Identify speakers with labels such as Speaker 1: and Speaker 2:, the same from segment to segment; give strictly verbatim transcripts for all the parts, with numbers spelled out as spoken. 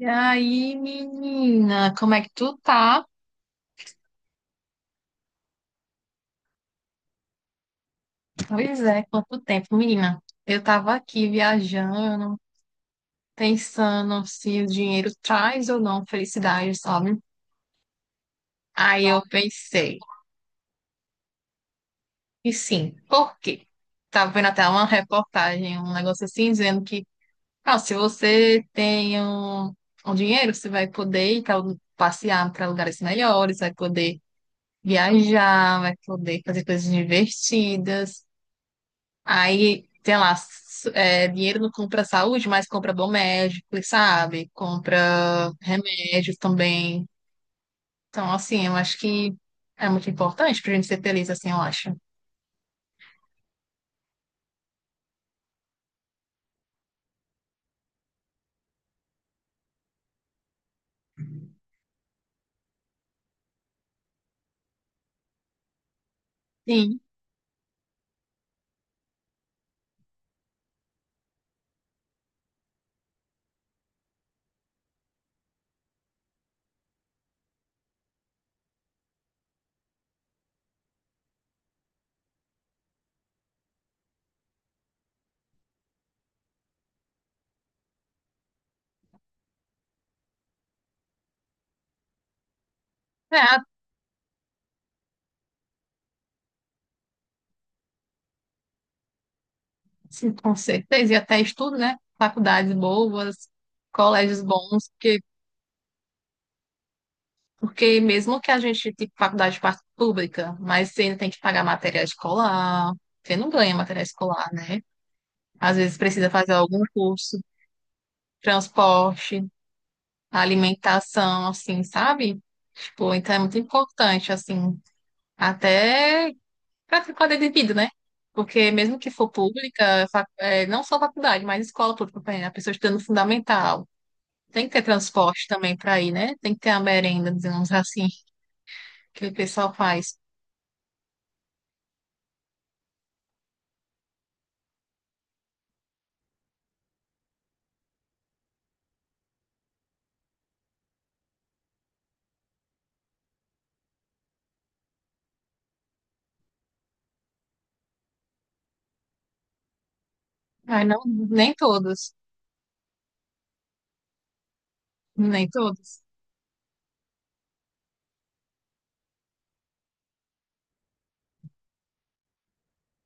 Speaker 1: E aí, menina, como é que tu tá? Pois é, quanto tempo, menina? Eu tava aqui viajando, pensando se o dinheiro traz ou não felicidade, sabe? Aí eu pensei, e sim, por quê? Tava vendo até uma reportagem, um negócio assim, dizendo que, ah, se você tem um, um dinheiro, você vai poder ir pra, passear para lugares melhores, vai poder viajar, vai poder fazer coisas divertidas. Aí, tem lá, s- é, dinheiro não compra saúde, mas compra bom médico, sabe? Compra remédios também. Então, assim, eu acho que é muito importante pra gente ser feliz, assim, eu acho. Sim, é, sim, com certeza. E até estudo, né? Faculdades boas, colégios bons, porque, porque mesmo que a gente tenha faculdade par- pública, mas você ainda tem que pagar material escolar, você não ganha material escolar, né? Às vezes precisa fazer algum curso, transporte. A alimentação, assim, sabe? Tipo, então é muito importante, assim, até para qualidade de vida, né? Porque mesmo que for pública, fa- é, não só faculdade, mas escola pública, por exemplo, a pessoa estudando fundamental. Tem que ter transporte também para ir, né? Tem que ter a merenda, digamos assim, que o pessoal faz. Mas não, nem todos, nem todos.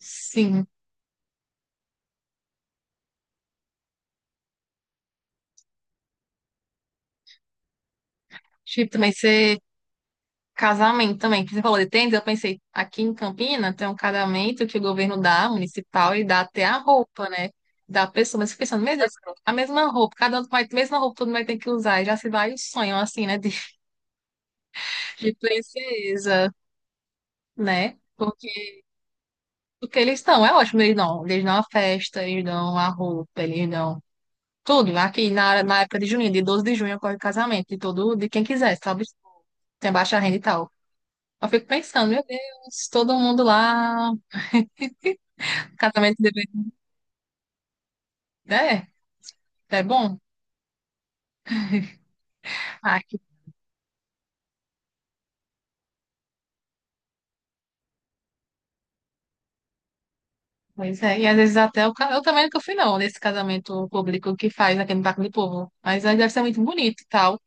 Speaker 1: Sim. Tipo, também você casamento também, que você falou de tenda, eu pensei, aqui em Campina tem um casamento que o governo dá, municipal, e dá até a roupa, né? Da pessoa, mas eu fico pensando, meu Deus, a mesma roupa, cada um vai, mesma roupa, todo mundo vai ter que usar, e já se vai o sonho, assim, né, de, de princesa, né? Porque o que eles estão é ótimo, eles dão, eles dão a festa, eles dão a roupa, eles dão tudo. Aqui na, hora- na época de junho, de doze de junho, ocorre o casamento, de todo, de quem quiser, sabe? Tem baixa renda e tal. Eu fico pensando, meu Deus, todo mundo lá. Casamento de bebê, né? É bom? Ah, que pois é. E às vezes até o... ca- eu também nunca fui, não, nesse casamento público que faz aqui no Parque do Povo. Mas aí deve ser muito bonito e tal.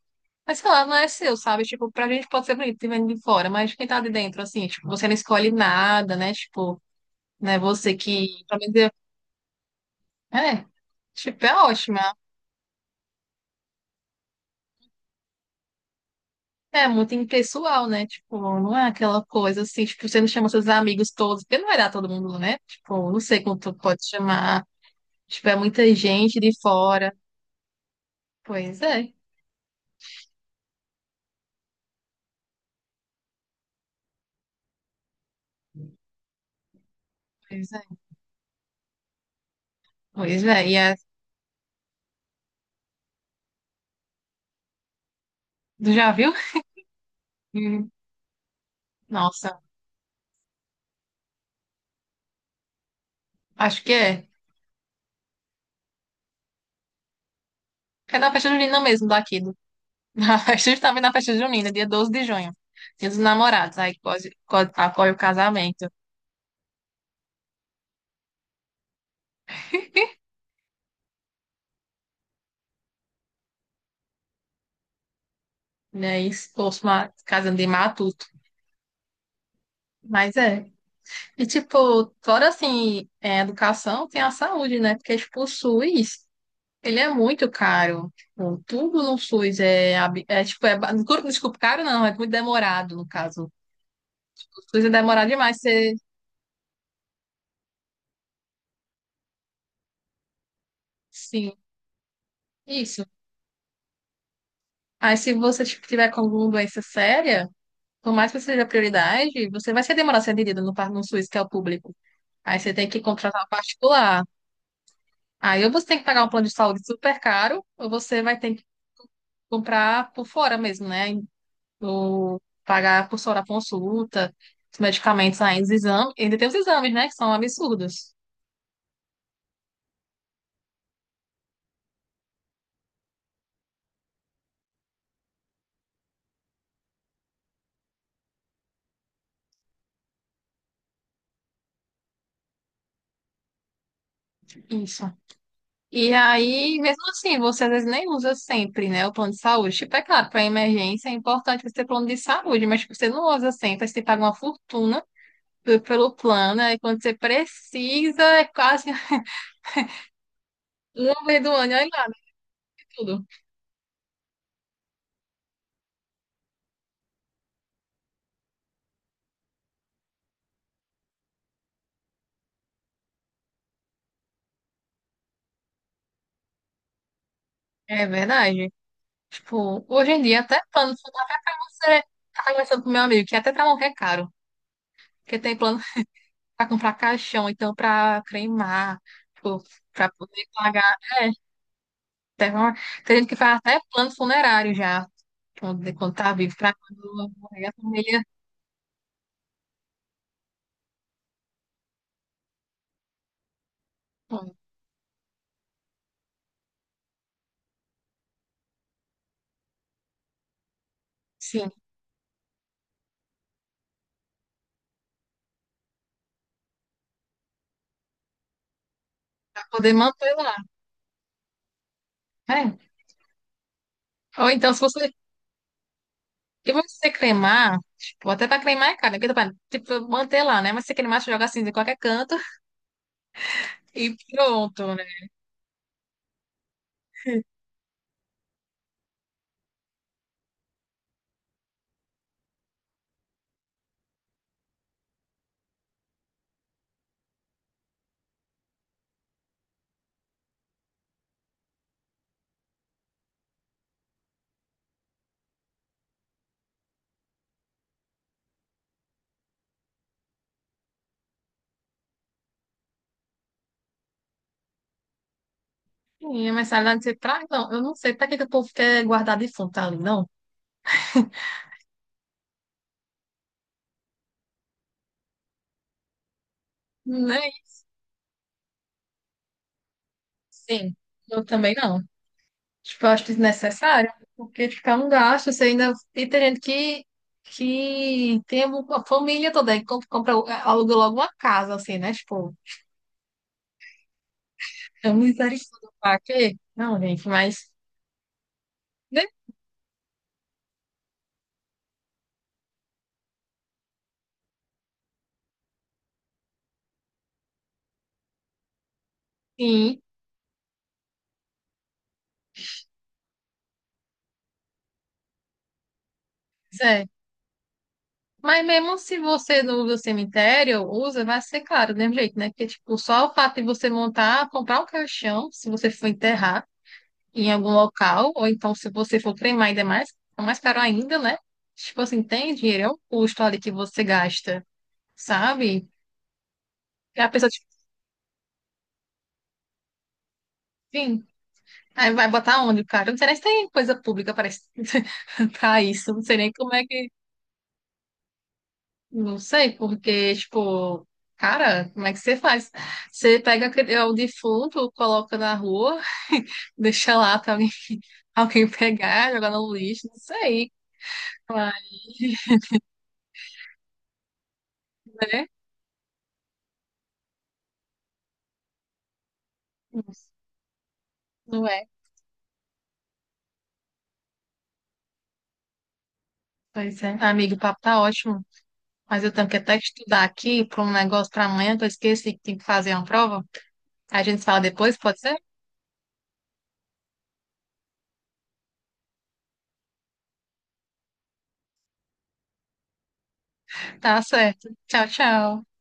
Speaker 1: Mas sei lá, não é seu, sabe? Tipo, pra gente pode ser bonito, vendo de fora, mas quem tá de dentro, assim, tipo, você não escolhe nada, né? Tipo, né? Você que. Pelo menos eu- é. Tipo, é ótima. É muito impessoal, né? Tipo, não é aquela coisa assim, tipo, você não chama seus amigos todos, porque não vai dar todo mundo, né? Tipo, não sei quanto pode chamar. Tipo, é muita gente de fora. Pois é, pois é. Pois é, e é... Tu já viu? Hum. Nossa, acho que é. É na festa junina mesmo daqui. Do... Na festa, justamente na festa junina, dia doze de junho. Dia dos namorados. Aí quase- quase acolhe o casamento. Né? E expôs uma casando de matuto. Mas é. E tipo, fora assim, é, educação, tem a saúde, né? Porque expulsou isso. Ele é muito caro. Tipo, tudo no SUS é, ab- é tipo, é, ba- desculpa, desculpa, caro não, é muito demorado no caso. O SUS é demorado demais, você, sim, isso. Aí se você tipo, tiver com alguma doença séria, por mais que seja prioridade, você vai se demorar a ser atendido no, par- no SUS, que é o público. Aí você tem que contratar um particular. Aí ou você tem que pagar um plano de saúde super caro, ou você vai ter que comprar por fora mesmo, né? Do pagar por fora a consulta, os medicamentos ainda, os exames, ainda tem os exames, né, que são absurdos. Isso. E aí, mesmo assim, você às vezes nem usa sempre, né, o plano de saúde. Tipo, é claro, para emergência é importante você ter plano de saúde, mas tipo, você não usa sempre, aí você paga uma fortuna pe- pelo plano, aí quando você precisa, é quase uma vez do ano, olha lá, tudo. É verdade. Tipo, hoje em dia, até plano, de saúde, você tá conversando com meu amigo, que até pra morrer é caro. Porque tem plano para comprar caixão, então para cremar, para poder pagar. É, tem, uma- tem gente que faz até plano funerário já, quando, quando tá vivo, para quando morrer a família. Hum, sim, para poder manter lá. É. Ou então, se você. E você cremar, tipo, até para cremar é caro, né? Porque, tipo, manter lá, né? Mas se cremar, você joga cinza em qualquer canto e pronto, né? Sim, mas sabe lá, não sei pra, não, eu não sei para que que o povo quer guardar defunto ali, não. Nem, sim, eu também não. Tipo, eu acho desnecessário, porque ficar um gasto, você ainda e tem gente que, que tem a família toda, e compra, compra, é, aluga logo uma casa, assim, né? Tipo, é um misericórdia pra quê? Não, gente, mas né, sim é. Mas mesmo se você não usa o cemitério, usa, vai ser claro, do mesmo jeito, né? Porque, tipo, só o fato de você montar, comprar um caixão, se você for enterrar. Em algum local, ou então se você for treinar ainda mais, é mais caro ainda, né? Tipo assim, tem dinheiro, é um custo ali que você gasta, sabe? E a pessoa, tipo, enfim, aí vai botar onde, cara? Eu não sei nem se tem coisa pública para isso, pra isso, não sei nem como é que, não sei, porque, tipo, cara, como é que você faz? Você pega aquele- é, o defunto, coloca na rua, deixa lá pra alguém, alguém pegar, jogar no lixo, não sei, mas, né? Não é. Pois é. Amigo, o papo tá ótimo, mas eu tenho que até estudar aqui para um negócio para amanhã, que eu esqueci que tem que fazer uma prova. A gente se fala depois, pode ser? Tá certo. Tchau, tchau.